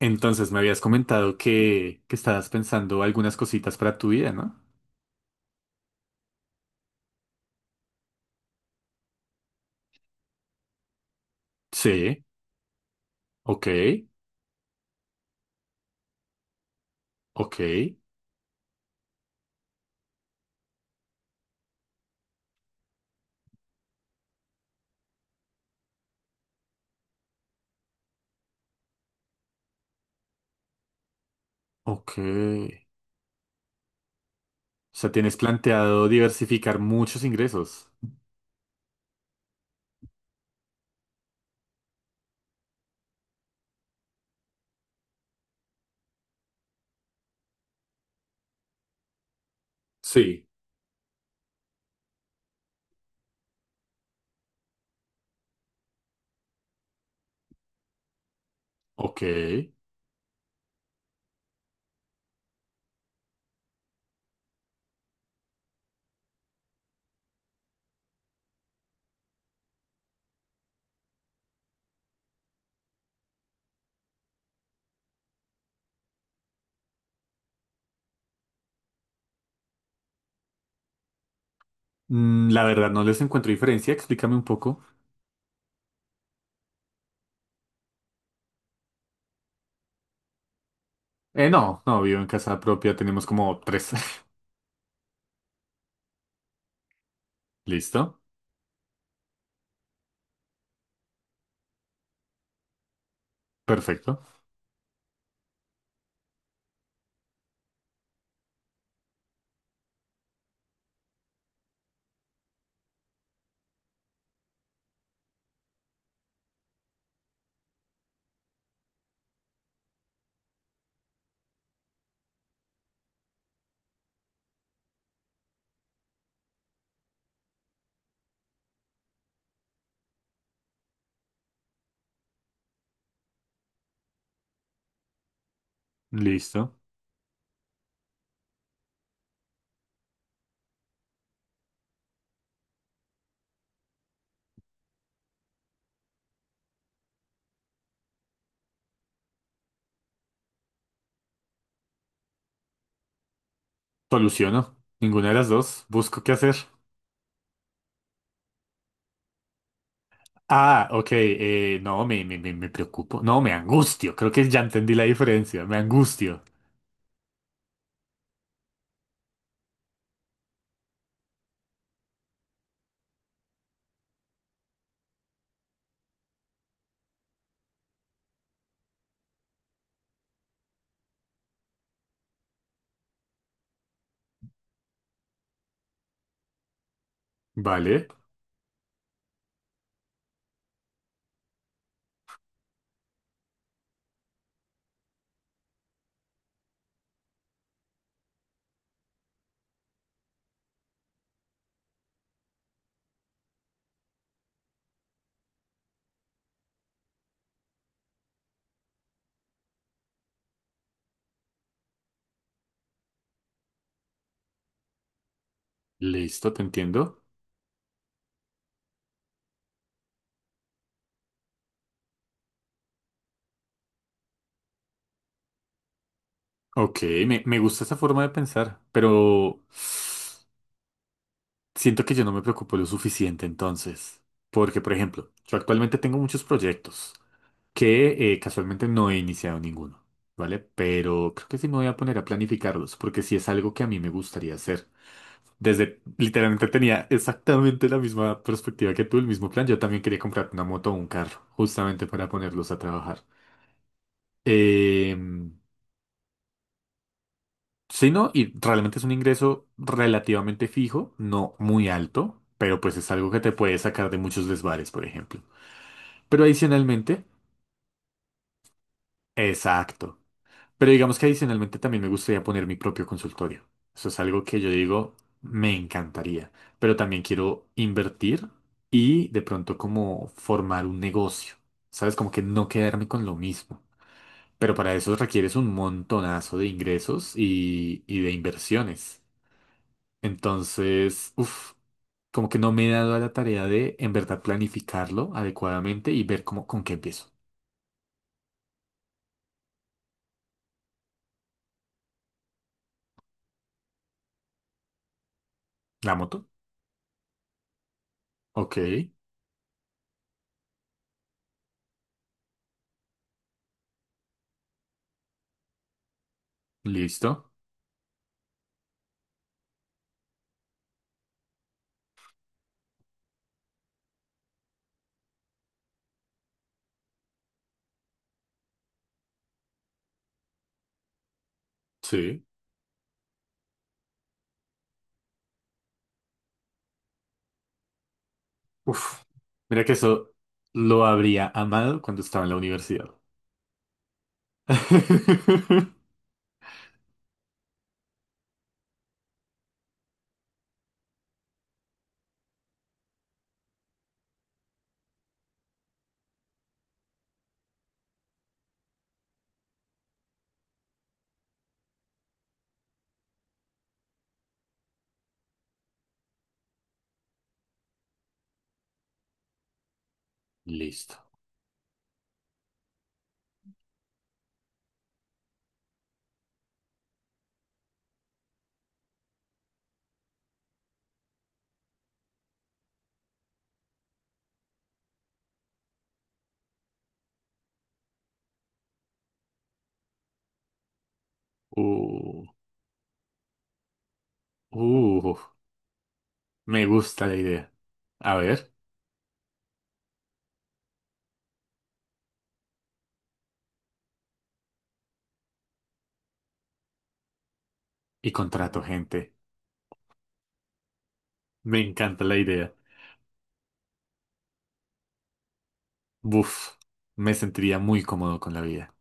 Entonces me habías comentado que estabas pensando algunas cositas para tu vida, ¿no? Sí, ok, ok, ok. O sea, tienes planteado diversificar muchos ingresos. Sí, ok. La verdad no les encuentro diferencia, explícame un poco. No, no, vivo en casa propia, tenemos como tres. ¿Listo? Perfecto. Listo. Soluciono. Ninguna de las dos. Busco qué hacer. Ah, ok, no, me preocupo. No, me angustio. Creo que ya entendí la diferencia. Me angustio. Vale, listo, te entiendo. Ok, me gusta esa forma de pensar, pero siento que yo no me preocupo lo suficiente entonces. Porque, por ejemplo, yo actualmente tengo muchos proyectos que casualmente no he iniciado ninguno, ¿vale? Pero creo que sí me voy a poner a planificarlos, porque sí es algo que a mí me gustaría hacer. Desde, literalmente tenía exactamente la misma perspectiva que tú, el mismo plan. Yo también quería comprar una moto o un carro, justamente para ponerlos a trabajar. Eh, sí, no, y realmente es un ingreso relativamente fijo, no muy alto, pero pues es algo que te puede sacar de muchos desvares, por ejemplo. Pero adicionalmente, exacto. Pero digamos que adicionalmente también me gustaría poner mi propio consultorio. Eso es algo que yo digo, me encantaría. Pero también quiero invertir y de pronto como formar un negocio. ¿Sabes? Como que no quedarme con lo mismo. Pero para eso requieres un montonazo de ingresos y de inversiones. Entonces, uff, como que no me he dado a la tarea de en verdad planificarlo adecuadamente y ver cómo, con qué empiezo. ¿La moto? Ok, listo. Sí. Uf, mira que eso lo habría amado cuando estaba en la universidad. Listo. Uh, uh, me gusta la idea. A ver, y contrato gente. Me encanta la idea. Uf, me sentiría muy cómodo con la vida.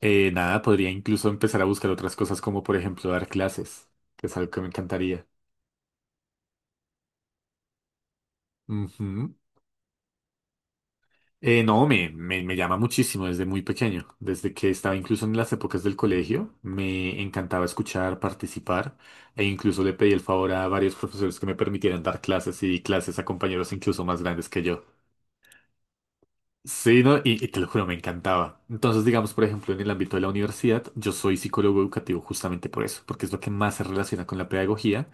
Nada, podría incluso empezar a buscar otras cosas como por ejemplo dar clases, que es algo que me encantaría. Ujú. No, me llama muchísimo desde muy pequeño, desde que estaba incluso en las épocas del colegio, me encantaba escuchar, participar e incluso le pedí el favor a varios profesores que me permitieran dar clases y di clases a compañeros incluso más grandes que yo. Sí, ¿no? Y te lo juro, me encantaba. Entonces, digamos, por ejemplo, en el ámbito de la universidad, yo soy psicólogo educativo justamente por eso, porque es lo que más se relaciona con la pedagogía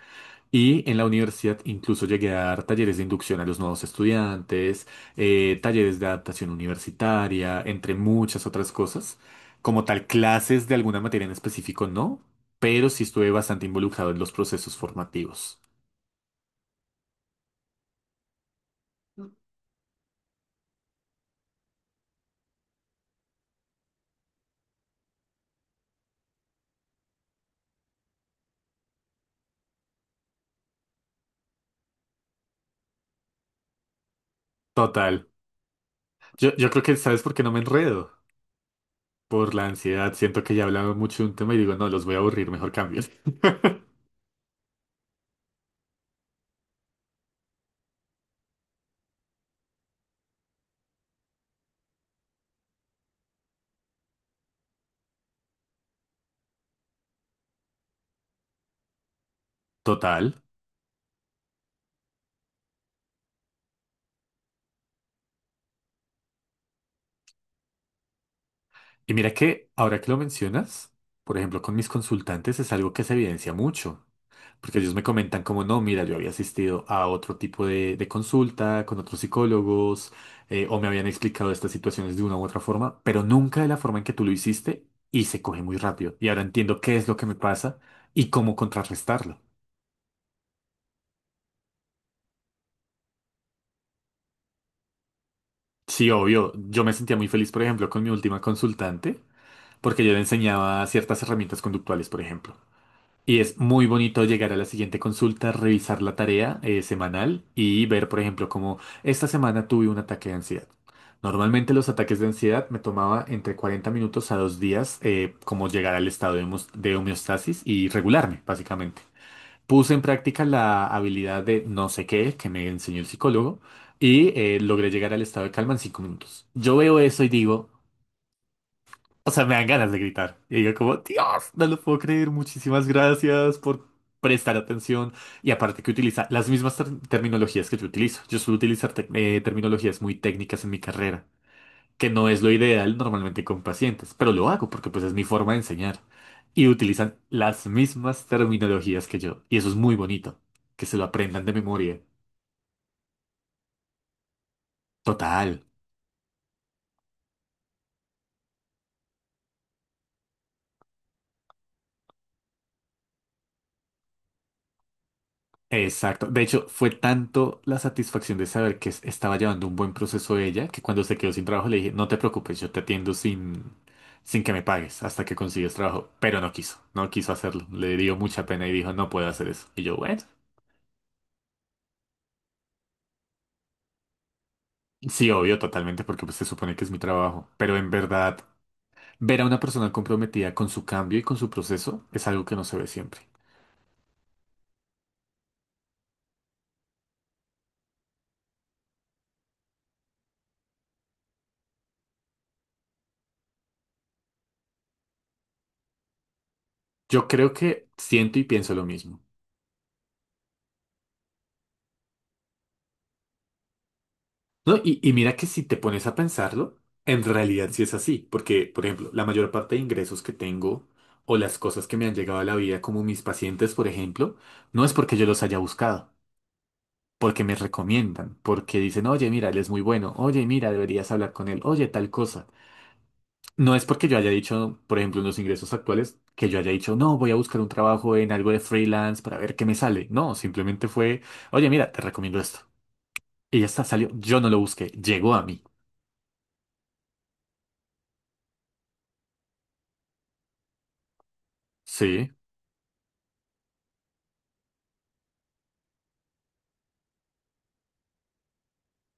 y en la universidad incluso llegué a dar talleres de inducción a los nuevos estudiantes, talleres de adaptación universitaria, entre muchas otras cosas. Como tal, clases de alguna materia en específico no, pero sí estuve bastante involucrado en los procesos formativos. Total. Yo creo que sabes por qué no me enredo. Por la ansiedad. Siento que ya he hablado mucho de un tema y digo, no, los voy a aburrir, mejor cambio. Total. Y mira que ahora que lo mencionas, por ejemplo, con mis consultantes es algo que se evidencia mucho. Porque ellos me comentan como, no, mira, yo había asistido a otro tipo de consulta con otros psicólogos, o me habían explicado estas situaciones de una u otra forma, pero nunca de la forma en que tú lo hiciste y se coge muy rápido. Y ahora entiendo qué es lo que me pasa y cómo contrarrestarlo. Sí, obvio, yo me sentía muy feliz, por ejemplo, con mi última consultante, porque yo le enseñaba ciertas herramientas conductuales, por ejemplo. Y es muy bonito llegar a la siguiente consulta, revisar la tarea semanal y ver, por ejemplo, como esta semana tuve un ataque de ansiedad. Normalmente los ataques de ansiedad me tomaba entre 40 minutos a 2 días como llegar al estado de de homeostasis y regularme, básicamente. Puse en práctica la habilidad de no sé qué que me enseñó el psicólogo y logré llegar al estado de calma en 5 minutos. Yo veo eso y digo, o sea, me dan ganas de gritar. Y yo como, Dios, no lo puedo creer. Muchísimas gracias por prestar atención. Y aparte que utiliza las mismas terminologías que yo utilizo. Yo suelo utilizar terminologías muy técnicas en mi carrera, que no es lo ideal normalmente con pacientes, pero lo hago porque pues es mi forma de enseñar. Y utilizan las mismas terminologías que yo. Y eso es muy bonito, que se lo aprendan de memoria. Total. Exacto. De hecho, fue tanto la satisfacción de saber que estaba llevando un buen proceso ella, que cuando se quedó sin trabajo le dije, no te preocupes, yo te atiendo sin, sin que me pagues hasta que consigues trabajo. Pero no quiso, no quiso hacerlo. Le dio mucha pena y dijo, no puedo hacer eso. Y yo, bueno, sí, obvio, totalmente, porque pues, se supone que es mi trabajo. Pero en verdad, ver a una persona comprometida con su cambio y con su proceso es algo que no se ve siempre. Yo creo que siento y pienso lo mismo. No, y mira que si te pones a pensarlo, en realidad sí es así, porque, por ejemplo, la mayor parte de ingresos que tengo o las cosas que me han llegado a la vida, como mis pacientes, por ejemplo, no es porque yo los haya buscado, porque me recomiendan, porque dicen, oye, mira, él es muy bueno, oye, mira, deberías hablar con él, oye, tal cosa. No es porque yo haya dicho, por ejemplo, en los ingresos actuales, que yo haya dicho, no, voy a buscar un trabajo en algo de freelance para ver qué me sale. No, simplemente fue, oye, mira, te recomiendo esto. Y ya está, salió. Yo no lo busqué, llegó a mí. Sí.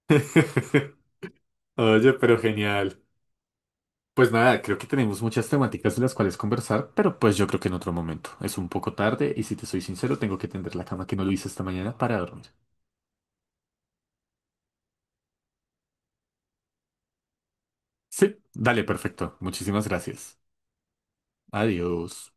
Oye, pero genial. Pues nada, creo que tenemos muchas temáticas de las cuales conversar, pero pues yo creo que en otro momento. Es un poco tarde y si te soy sincero, tengo que tender la cama que no lo hice esta mañana para dormir. Sí, dale, perfecto. Muchísimas gracias. Adiós.